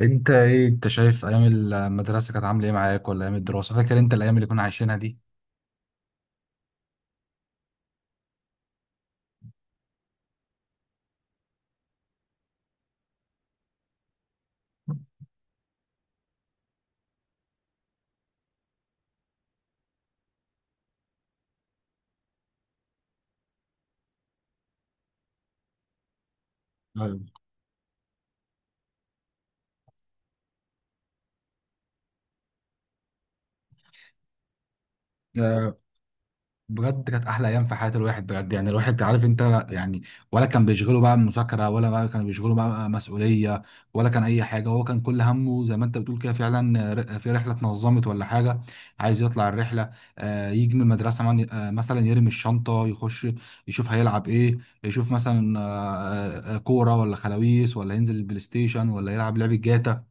انت شايف ايام المدرسه كانت عامله ايه معاك، ولا ايام الدراسه؟ فاكر انت الايام اللي كنا عايشينها دي؟ أيوة. بجد كانت احلى ايام في حياه الواحد، بجد يعني. الواحد عارف انت يعني، ولا كان بيشغله بقى مذاكره، ولا بقى كان بيشغله بقى مسؤوليه، ولا كان اي حاجه. هو كان كل همه زي ما انت بتقول كده، فعلا في رحله اتنظمت ولا حاجه، عايز يطلع الرحله. يجي من المدرسه، مثلا يرمي الشنطه، يخش، يشوف هيلعب ايه. يشوف مثلا كوره، ولا خلاويص، ولا ينزل البلاي ستيشن، ولا يلعب لعبه جاتا.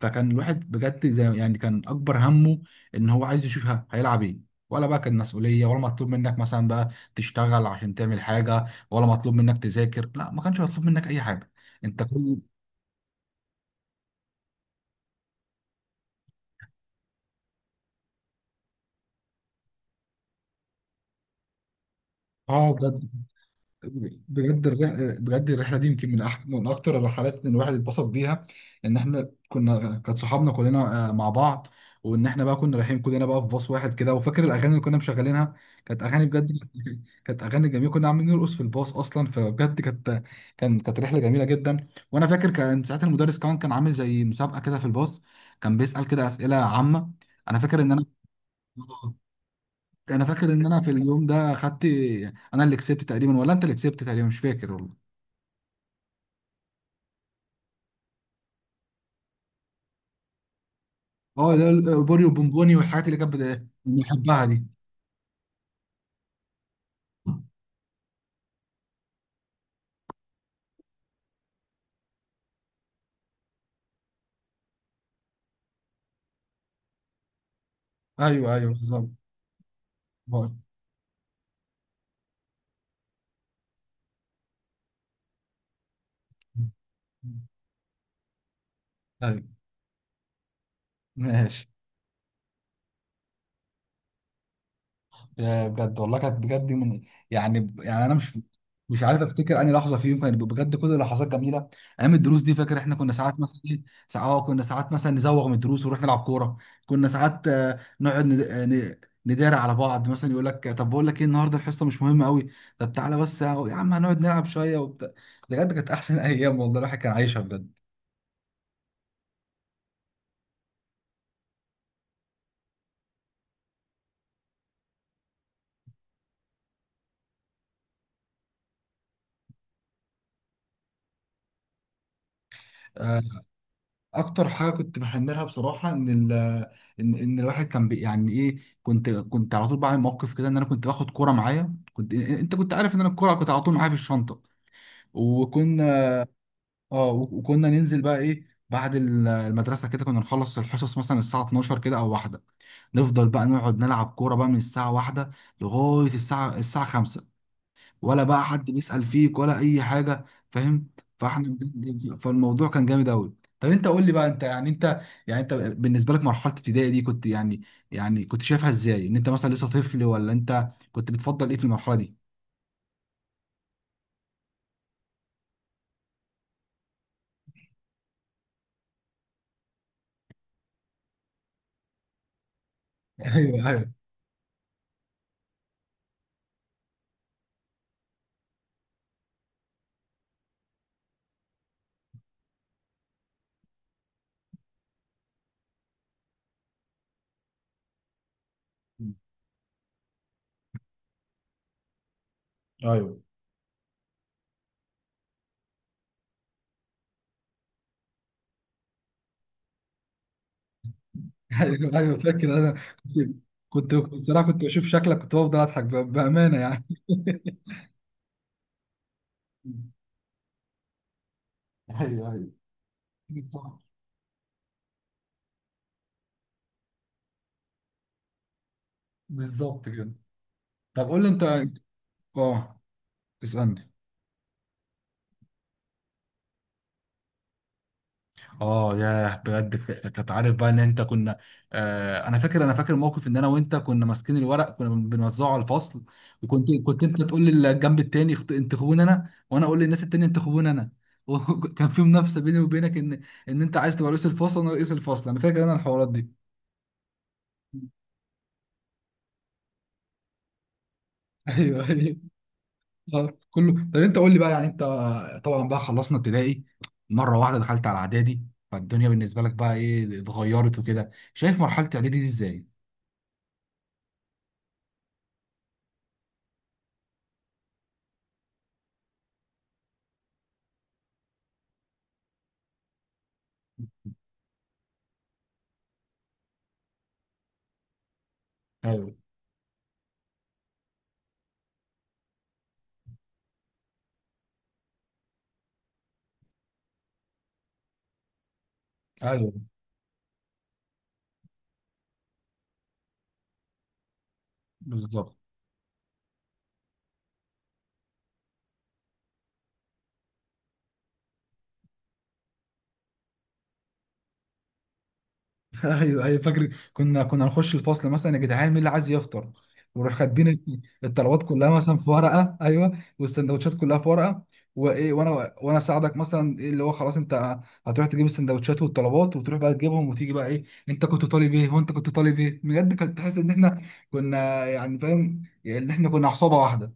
فكان الواحد بجد زي يعني كان اكبر همه ان هو عايز يشوف هيلعب ايه، ولا بقى كان مسؤوليه، ولا مطلوب منك مثلا بقى تشتغل عشان تعمل حاجه، ولا مطلوب منك تذاكر. لا، ما كانش مطلوب منك اي حاجه. انت كل... اه، بجد. بجد الرحلة، بجد الرحلة دي يمكن من من أكتر الرحلات إن الواحد اتبسط بيها. إن إحنا كانت صحابنا كلنا مع بعض. وإن إحنا بقى كنا رايحين كلنا بقى في باص واحد كده. وفاكر الأغاني اللي كنا مشغلينها؟ كانت أغاني بجد كانت أغاني جميلة. كنا عاملين نرقص في الباص أصلا، فبجد كانت رحلة جميلة جدا. وأنا فاكر كان ساعتها المدرس كمان كان عامل زي مسابقة كده في الباص، كان بيسأل كده أسئلة عامة. أنا فاكر إن أنا أنا فاكر إن أنا في اليوم ده خدت... أنا اللي كسبت تقريبا، ولا أنت اللي كسبت تقريبا؟ مش فاكر والله. اه، اللي هي البوري وبونبوني والحاجات اللي كانت بنحبها دي. ايوه ايوه، بالظبط. بوري. ايوه، ماشي. يا بجد والله كانت بجد من... يعني انا مش عارف افتكر اني لحظه فيهم، كانت بجد كل اللحظات جميله. ايام الدروس دي فاكر؟ احنا كنا ساعات مثلا ايه، ساعات مثلا نزوغ من الدروس ونروح نلعب كوره. كنا ساعات نقعد، نداري على بعض، مثلا يقول لك: طب بقول لك ايه، النهارده الحصه مش مهمه قوي، طب تعالى بس يا عم هنقعد نلعب شويه وبتاع. بجد كانت احسن ايام والله، الواحد كان عايشها بجد. آه، اكتر حاجه كنت بحملها بصراحه، ان ال ان ان الواحد كان يعني ايه، كنت على طول بعمل موقف كده ان انا كنت باخد كوره معايا. انت كنت عارف ان انا الكوره كنت على طول معايا في الشنطه. وكنا اه وكنا ننزل بقى ايه بعد المدرسه كده. كنا نخلص الحصص مثلا الساعه 12 كده او واحده، نفضل بقى نقعد نلعب كوره بقى من الساعه واحده لغايه الساعه 5، ولا بقى حد بيسأل فيك ولا اي حاجه، فاهم؟ فاحنا بجد... فالموضوع كان جامد قوي. طب انت قول لي بقى، انت بالنسبه لك مرحله ابتدائي دي كنت يعني كنت شايفها ازاي؟ ان انت مثلا لسه طفل، ولا انت كنت بتفضل ايه في المرحله دي؟ ايوه ايوه، ايوه ايوه ايوه، فاكر انا. كنت كنت بصراحه، كنت بشوف شكلك، كنت بفضل اضحك بامانه يعني. ايوه ايوه، بالظبط. بالظبط كده. طب قول لي انت. اه، اسالني. اه ياه بجد، كنت عارف بقى ان انت كنا... انا فاكر موقف ان انا وانت كنا ماسكين الورق، كنا بنوزعه على الفصل. وكنت انت تقول للجنب التاني انتخبوني انا، وانا اقول للناس التانية انتخبوني انا. وكان في منافسة بيني وبينك، ان انت عايز تبقى رئيس الفصل، وانا رئيس الفصل. انا فاكر انا الحوارات دي. ايوه ايوه، كله. طب انت قول لي بقى، يعني انت... طبعا بقى خلصنا ابتدائي، مرة واحدة دخلت على اعدادي. فالدنيا بالنسبة لك بقى ايه، اتغيرت وكده؟ شايف مرحلة اعدادي دي ازاي؟ ايوه ايوه، بالظبط. ايوه ايوه، فاكر. كنا نخش الفصل مثلا: يا جدعان، مين اللي عايز يفطر؟ ونروح كاتبين الطلبات كلها مثلا في ورقه، ايوه، والسندوتشات كلها في ورقه. وايه، وانا اساعدك مثلا، ايه اللي هو خلاص انت هتروح تجيب السندوتشات والطلبات، وتروح بقى تجيبهم، وتيجي بقى ايه. انت كنت طالب ايه، وانت كنت طالب ايه. بجد كنت تحس ان احنا كنا يعني، فاهم يعني، ان احنا كنا عصابه واحده.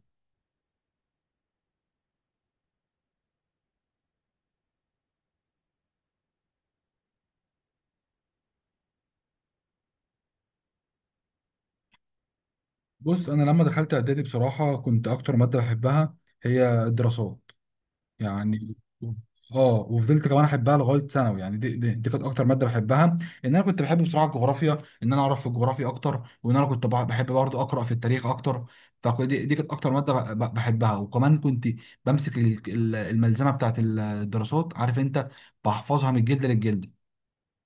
بص، انا لما دخلت اعدادي بصراحه كنت اكتر ماده بحبها هي الدراسات يعني. اه، وفضلت كمان احبها لغايه ثانوي يعني. دي كانت اكتر ماده بحبها. ان انا كنت بحب بصراحه الجغرافيا، ان انا اعرف في الجغرافيا اكتر، وان انا كنت بحب برضه اقرا في التاريخ اكتر. فدي كانت اكتر ماده بحبها. وكمان كنت بمسك الملزمه بتاعت الدراسات، عارف انت، بحفظها من الجلد للجلد،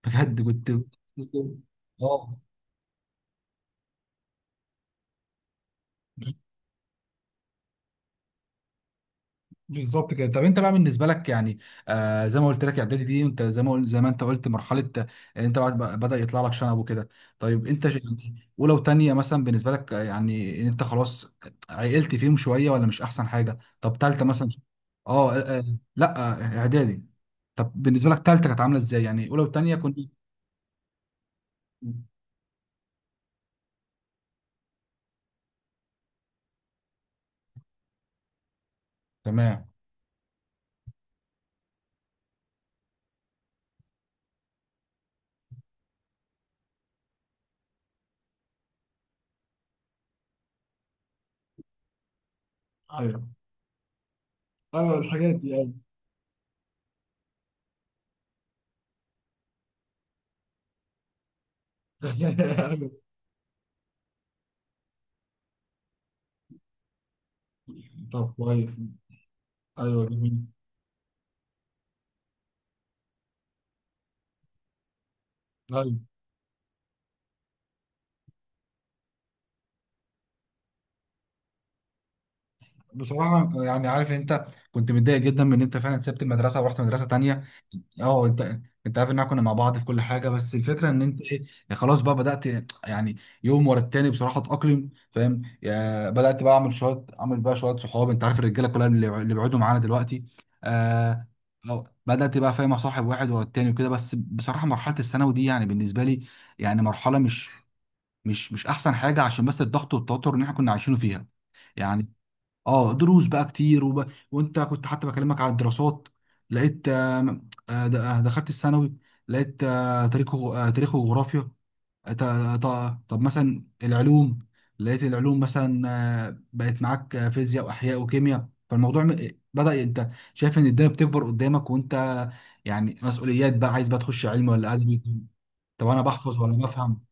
بجد كنت. اه، بالظبط كده. طب انت بقى بالنسبه لك يعني، آه زي ما قلت لك اعدادي دي، انت زي ما انت قلت مرحله انت بعد بدا يطلع لك شنب وكده. طيب انت يعني اولى وثانيه مثلا بالنسبه لك، يعني ان انت خلاص عقلت فيهم شويه، ولا مش احسن حاجه؟ طب ثالثه مثلا. اه. لا، اعدادي. طب بالنسبه لك ثالثه كانت عامله ازاي؟ يعني اولى وثانيه كنت... تمام. ايوه ايوه، الحاجات دي، ايوه. ايوه. طب كويس. ايوه جميل. بصراحة يعني عارف انت، كنت متضايق جدا من ان انت فعلا سبت المدرسة ورحت مدرسة تانية. اه. انت عارف ان احنا كنا مع بعض في كل حاجة، بس الفكرة ان انت ايه، يعني خلاص بقى بدأت. يعني يوم ورا التاني بصراحة اتأقلم، فاهم، بدأت بقى اعمل بقى شوية صحاب. انت عارف الرجالة كلها اللي بيقعدوا معانا دلوقتي. آه اه، بدأت بقى فاهم اصاحب واحد ورا التاني وكده. بس بصراحة مرحلة الثانوي دي يعني بالنسبة لي يعني مرحلة، مش احسن حاجة، عشان بس الضغط والتوتر اللي احنا كنا عايشينه فيها يعني. اه، دروس بقى كتير، وانت كنت حتى بكلمك على الدراسات، لقيت دخلت الثانوي، لقيت تاريخ وجغرافيا. آه، ط- طب مثلا العلوم، لقيت العلوم مثلا بقت معاك فيزياء واحياء وكيمياء. فالموضوع بدأ انت شايف ان الدنيا بتكبر قدامك، وانت يعني مسؤوليات بقى. عايز بقى تخش علم ولا ادبي؟ طب انا بحفظ ولا بفهم؟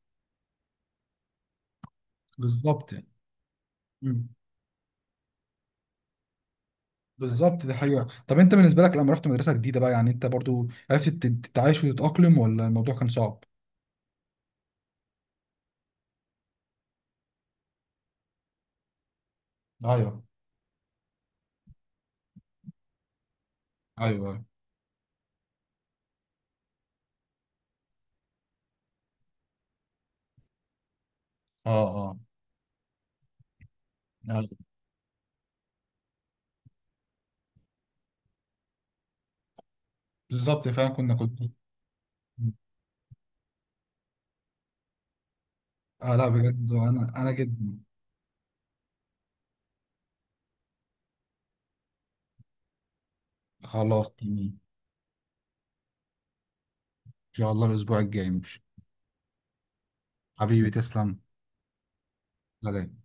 بالظبط يعني. بالظبط، دي حقيقة. طب انت بالنسبة لك لما رحت مدرسة جديدة بقى، يعني انت برضو عرفت تتعايش وتتأقلم، ولا الموضوع كان صعب؟ ايوه ايوه، اه اه. أيوة. بالظبط فعلا، كنت لا بجد انا جدا. خلاص تمام. ان شاء الله الاسبوع الجاي، مش؟ حبيبي تسلم. سلام.